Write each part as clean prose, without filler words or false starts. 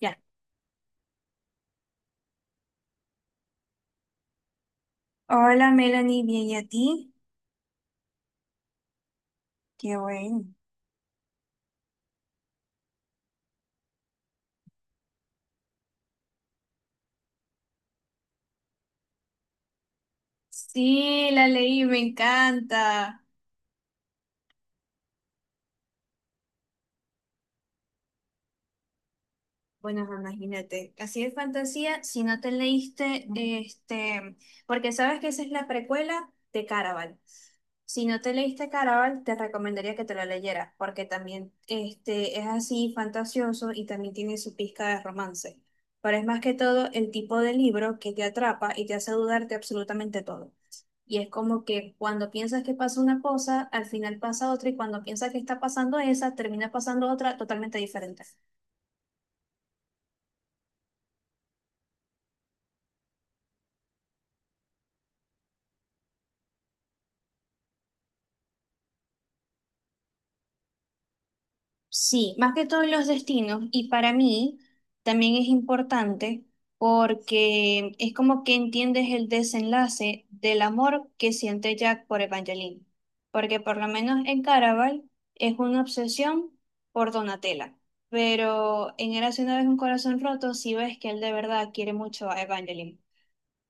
Ya. Hola Melanie, bien, ¿y a ti? Qué bueno. Sí, la leí, me encanta. Bueno, ajá, imagínate, así de fantasía, si no te leíste, Ujú. Porque sabes que esa es la precuela de Caraval. Si no te leíste Caraval, te recomendaría que te lo leyeras, porque también es así fantasioso y también tiene su pizca de romance. Pero es más que todo el tipo de libro que te atrapa y te hace dudar de absolutamente todo. Y es como que cuando piensas que pasa una cosa, al final pasa otra, y cuando piensas que está pasando esa, termina pasando otra totalmente diferente. Sí, más que todos los destinos. Y para mí también es importante porque es como que entiendes el desenlace del amor que siente Jack por Evangeline. Porque por lo menos en Caraval es una obsesión por Donatella. Pero en Érase una vez un corazón roto, sí ves que él de verdad quiere mucho a Evangeline.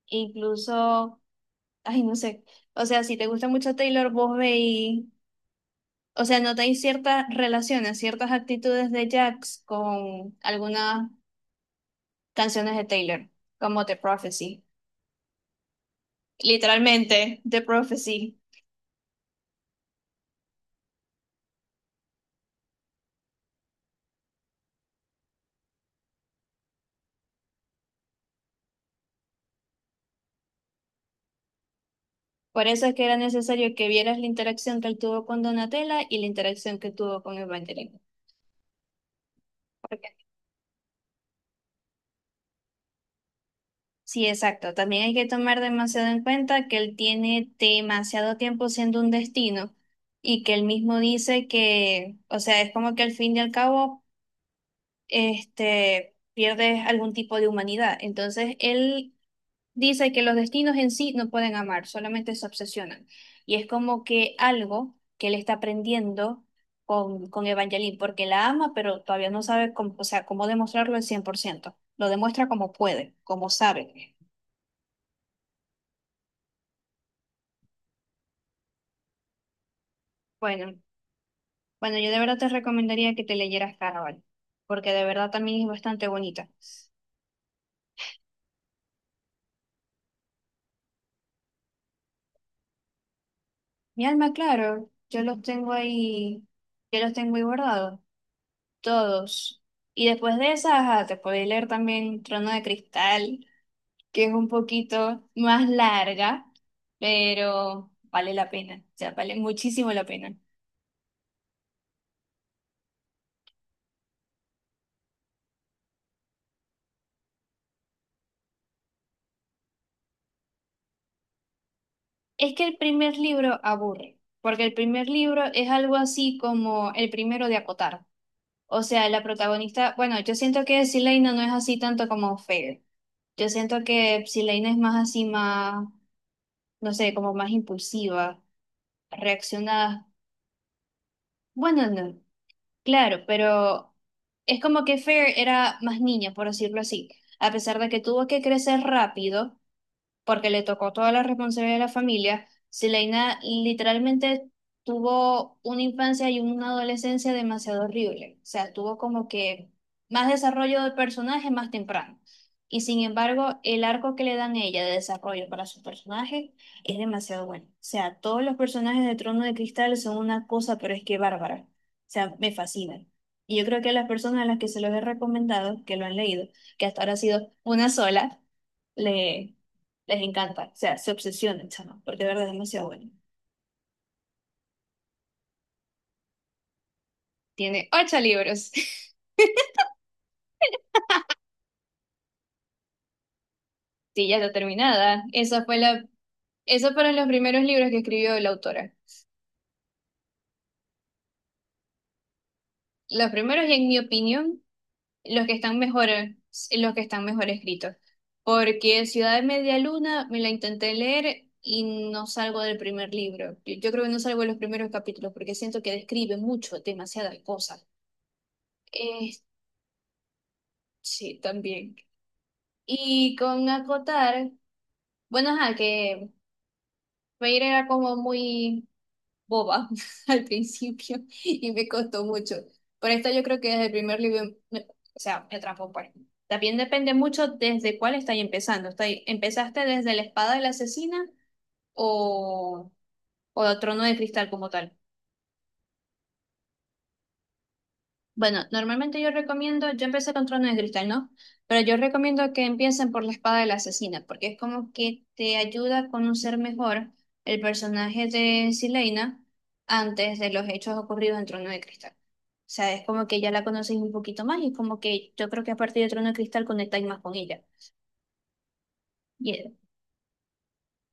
Incluso, ay, no sé. O sea, si te gusta mucho Taylor, vos veis, o sea, notáis ciertas relaciones, ciertas actitudes de Jax con algunas canciones de Taylor, como The Prophecy. Literalmente, The Prophecy. Por eso es que era necesario que vieras la interacción que él tuvo con Donatella y la interacción que tuvo con Evangeline. Porque- Sí, exacto. También hay que tomar demasiado en cuenta que él tiene demasiado tiempo siendo un destino y que él mismo dice que, o sea, es como que al fin y al cabo pierdes algún tipo de humanidad. Entonces, él dice que los destinos en sí no pueden amar, solamente se obsesionan. Y es como que algo que él está aprendiendo con Evangeline, porque la ama, pero todavía no sabe cómo, o sea, cómo demostrarlo al 100%. Lo demuestra como puede, como sabe. Bueno, bueno, yo de verdad te recomendaría que te leyeras Caraval, porque de verdad también es bastante bonita. Mi alma, claro, yo los tengo ahí, yo los tengo ahí guardados. Todos. Y después de esa, ajá, te podéis leer también Trono de Cristal, que es un poquito más larga, pero vale la pena, o sea, vale muchísimo la pena. Es que el primer libro aburre, porque el primer libro es algo así como el primero de acotar. O sea, la protagonista, bueno, yo siento que Sileina no es así tanto como Fair. Yo siento que Sileina es más así, más, no sé, como más impulsiva, reacciona. Bueno, no. Claro, pero es como que Fair era más niña, por decirlo así, a pesar de que tuvo que crecer rápido, porque le tocó toda la responsabilidad de la familia. Sileina literalmente tuvo una infancia y una adolescencia demasiado horrible. O sea, tuvo como que más desarrollo del personaje más temprano. Y sin embargo, el arco que le dan a ella de desarrollo para su personaje es demasiado bueno. O sea, todos los personajes de Trono de Cristal son una cosa, pero es que bárbara. O sea, me fascinan. Y yo creo que las personas a las que se los he recomendado, que lo han leído, que hasta ahora ha sido una sola, le, les encanta, o sea, se obsesionan, chama, porque de verdad es demasiado bueno. Tiene ocho libros. Sí, ya está terminada. Esos fueron los primeros libros que escribió la autora. Los primeros, y en mi opinión, los que están mejor, los que están mejor escritos. Porque Ciudad de Media Luna me la intenté leer y no salgo del primer libro. Yo creo que no salgo de los primeros capítulos porque siento que describe mucho, demasiadas cosas. Eh, sí, también. Y con acotar, bueno, ajá, que Reír era como muy boba al principio y me costó mucho. Por esta yo creo que desde el primer libro, o sea, me atrapó pues. También depende mucho desde cuál estáis empezando. ¿Estáis, empezaste desde la espada de la asesina o, o el trono de cristal como tal? Bueno, normalmente yo recomiendo, yo empecé con Trono de Cristal, ¿no? Pero yo recomiendo que empiecen por la espada de la asesina, porque es como que te ayuda a conocer mejor el personaje de Silena antes de los hechos ocurridos en Trono de Cristal. O sea, es como que ya la conoces un poquito más y es como que yo creo que a partir de Trono de Cristal conectáis más con ella.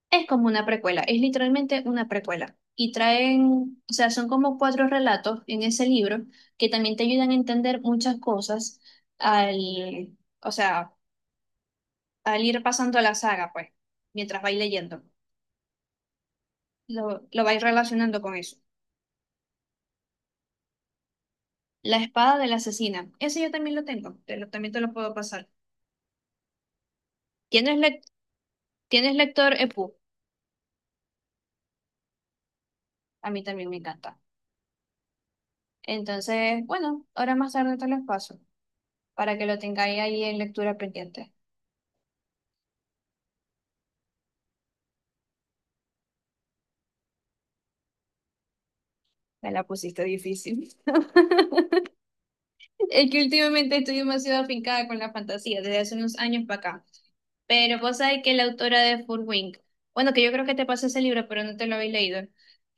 Es como una precuela, es literalmente una precuela. Y traen, o sea, son como cuatro relatos en ese libro que también te ayudan a entender muchas cosas al, o sea, al ir pasando la saga, pues, mientras vais leyendo. Lo vais relacionando con eso. La espada de la asesina, ese yo también lo tengo, también te lo puedo pasar. ¿Tienes, lec- tienes lector EPUB? A mí también me encanta. Entonces, bueno, ahora más tarde te lo paso para que lo tengáis ahí en lectura pendiente. Me la pusiste difícil. Es que últimamente estoy demasiado afincada con la fantasía, desde hace unos años para acá. Pero vos sabés que la autora de Furwink, bueno, que yo creo que te pasé ese libro, pero no te lo habéis leído,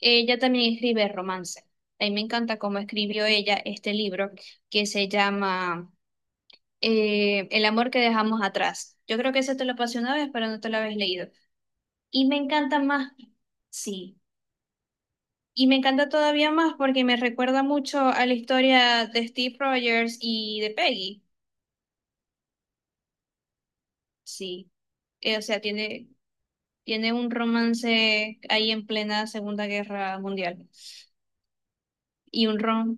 ella también escribe romance. A mí me encanta cómo escribió ella este libro que se llama El amor que dejamos atrás. Yo creo que ese te lo pasé una vez, pero no te lo habéis leído. Y me encanta más, sí. Y me encanta todavía más porque me recuerda mucho a la historia de Steve Rogers y de Peggy. Sí. O sea, tiene un romance ahí en plena Segunda Guerra Mundial. Y un rom,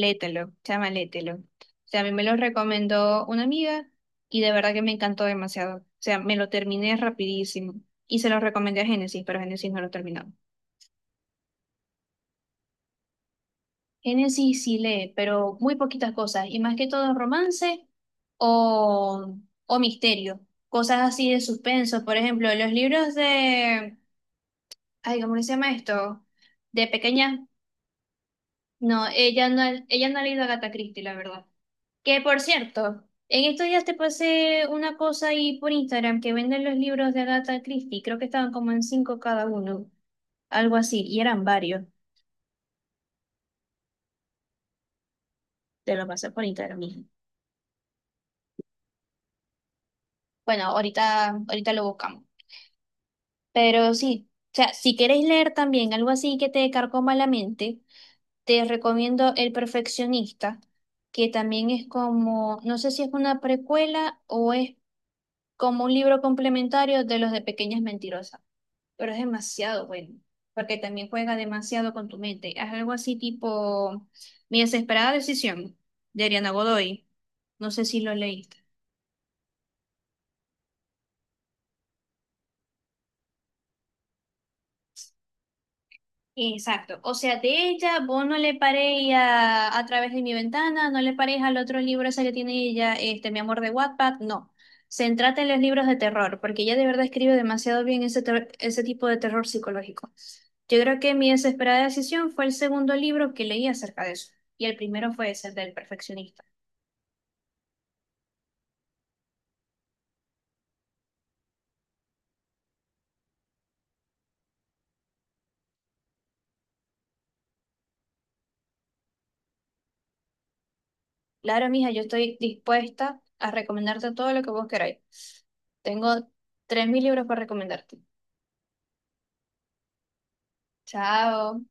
lételo, chama, lételo. O sea, a mí me lo recomendó una amiga y de verdad que me encantó demasiado. O sea, me lo terminé rapidísimo. Y se lo recomendé a Génesis, pero Génesis no lo terminó. Génesis sí sí lee, pero muy poquitas cosas, y más que todo romance o, o misterio, cosas así de suspenso. Por ejemplo, los libros de, ay, ¿cómo que se llama esto? De pequeña, no, ella no ha leído a Agatha Christie, la verdad. Que por cierto, en estos días te pasé una cosa ahí por Instagram que venden los libros de Agatha Christie, creo que estaban como en cinco cada uno, algo así, y eran varios, te lo pasé por Instagram. Bueno, ahorita, ahorita lo buscamos. Pero sí, o sea, si queréis leer también algo así que te carcoma la mente, te recomiendo El Perfeccionista, que también es como, no sé si es una precuela o es como un libro complementario de los de Pequeñas Mentirosas, pero es demasiado bueno, porque también juega demasiado con tu mente. Es algo así tipo Mi desesperada decisión de Ariana Godoy. No sé si lo leíste. Exacto. O sea, de ella, vos no le paréis a través de mi ventana, no le paréis al otro libro ese que tiene ella, Mi amor de Wattpad, no. Centrate en los libros de terror, porque ella de verdad escribe demasiado bien ese tipo de terror psicológico. Yo creo que Mi desesperada decisión fue el segundo libro que leí acerca de eso, y el primero fue ese el del perfeccionista. Claro, mija, yo estoy dispuesta a recomendarte todo lo que vos queráis. Tengo 3.000 libros para recomendarte. Chao.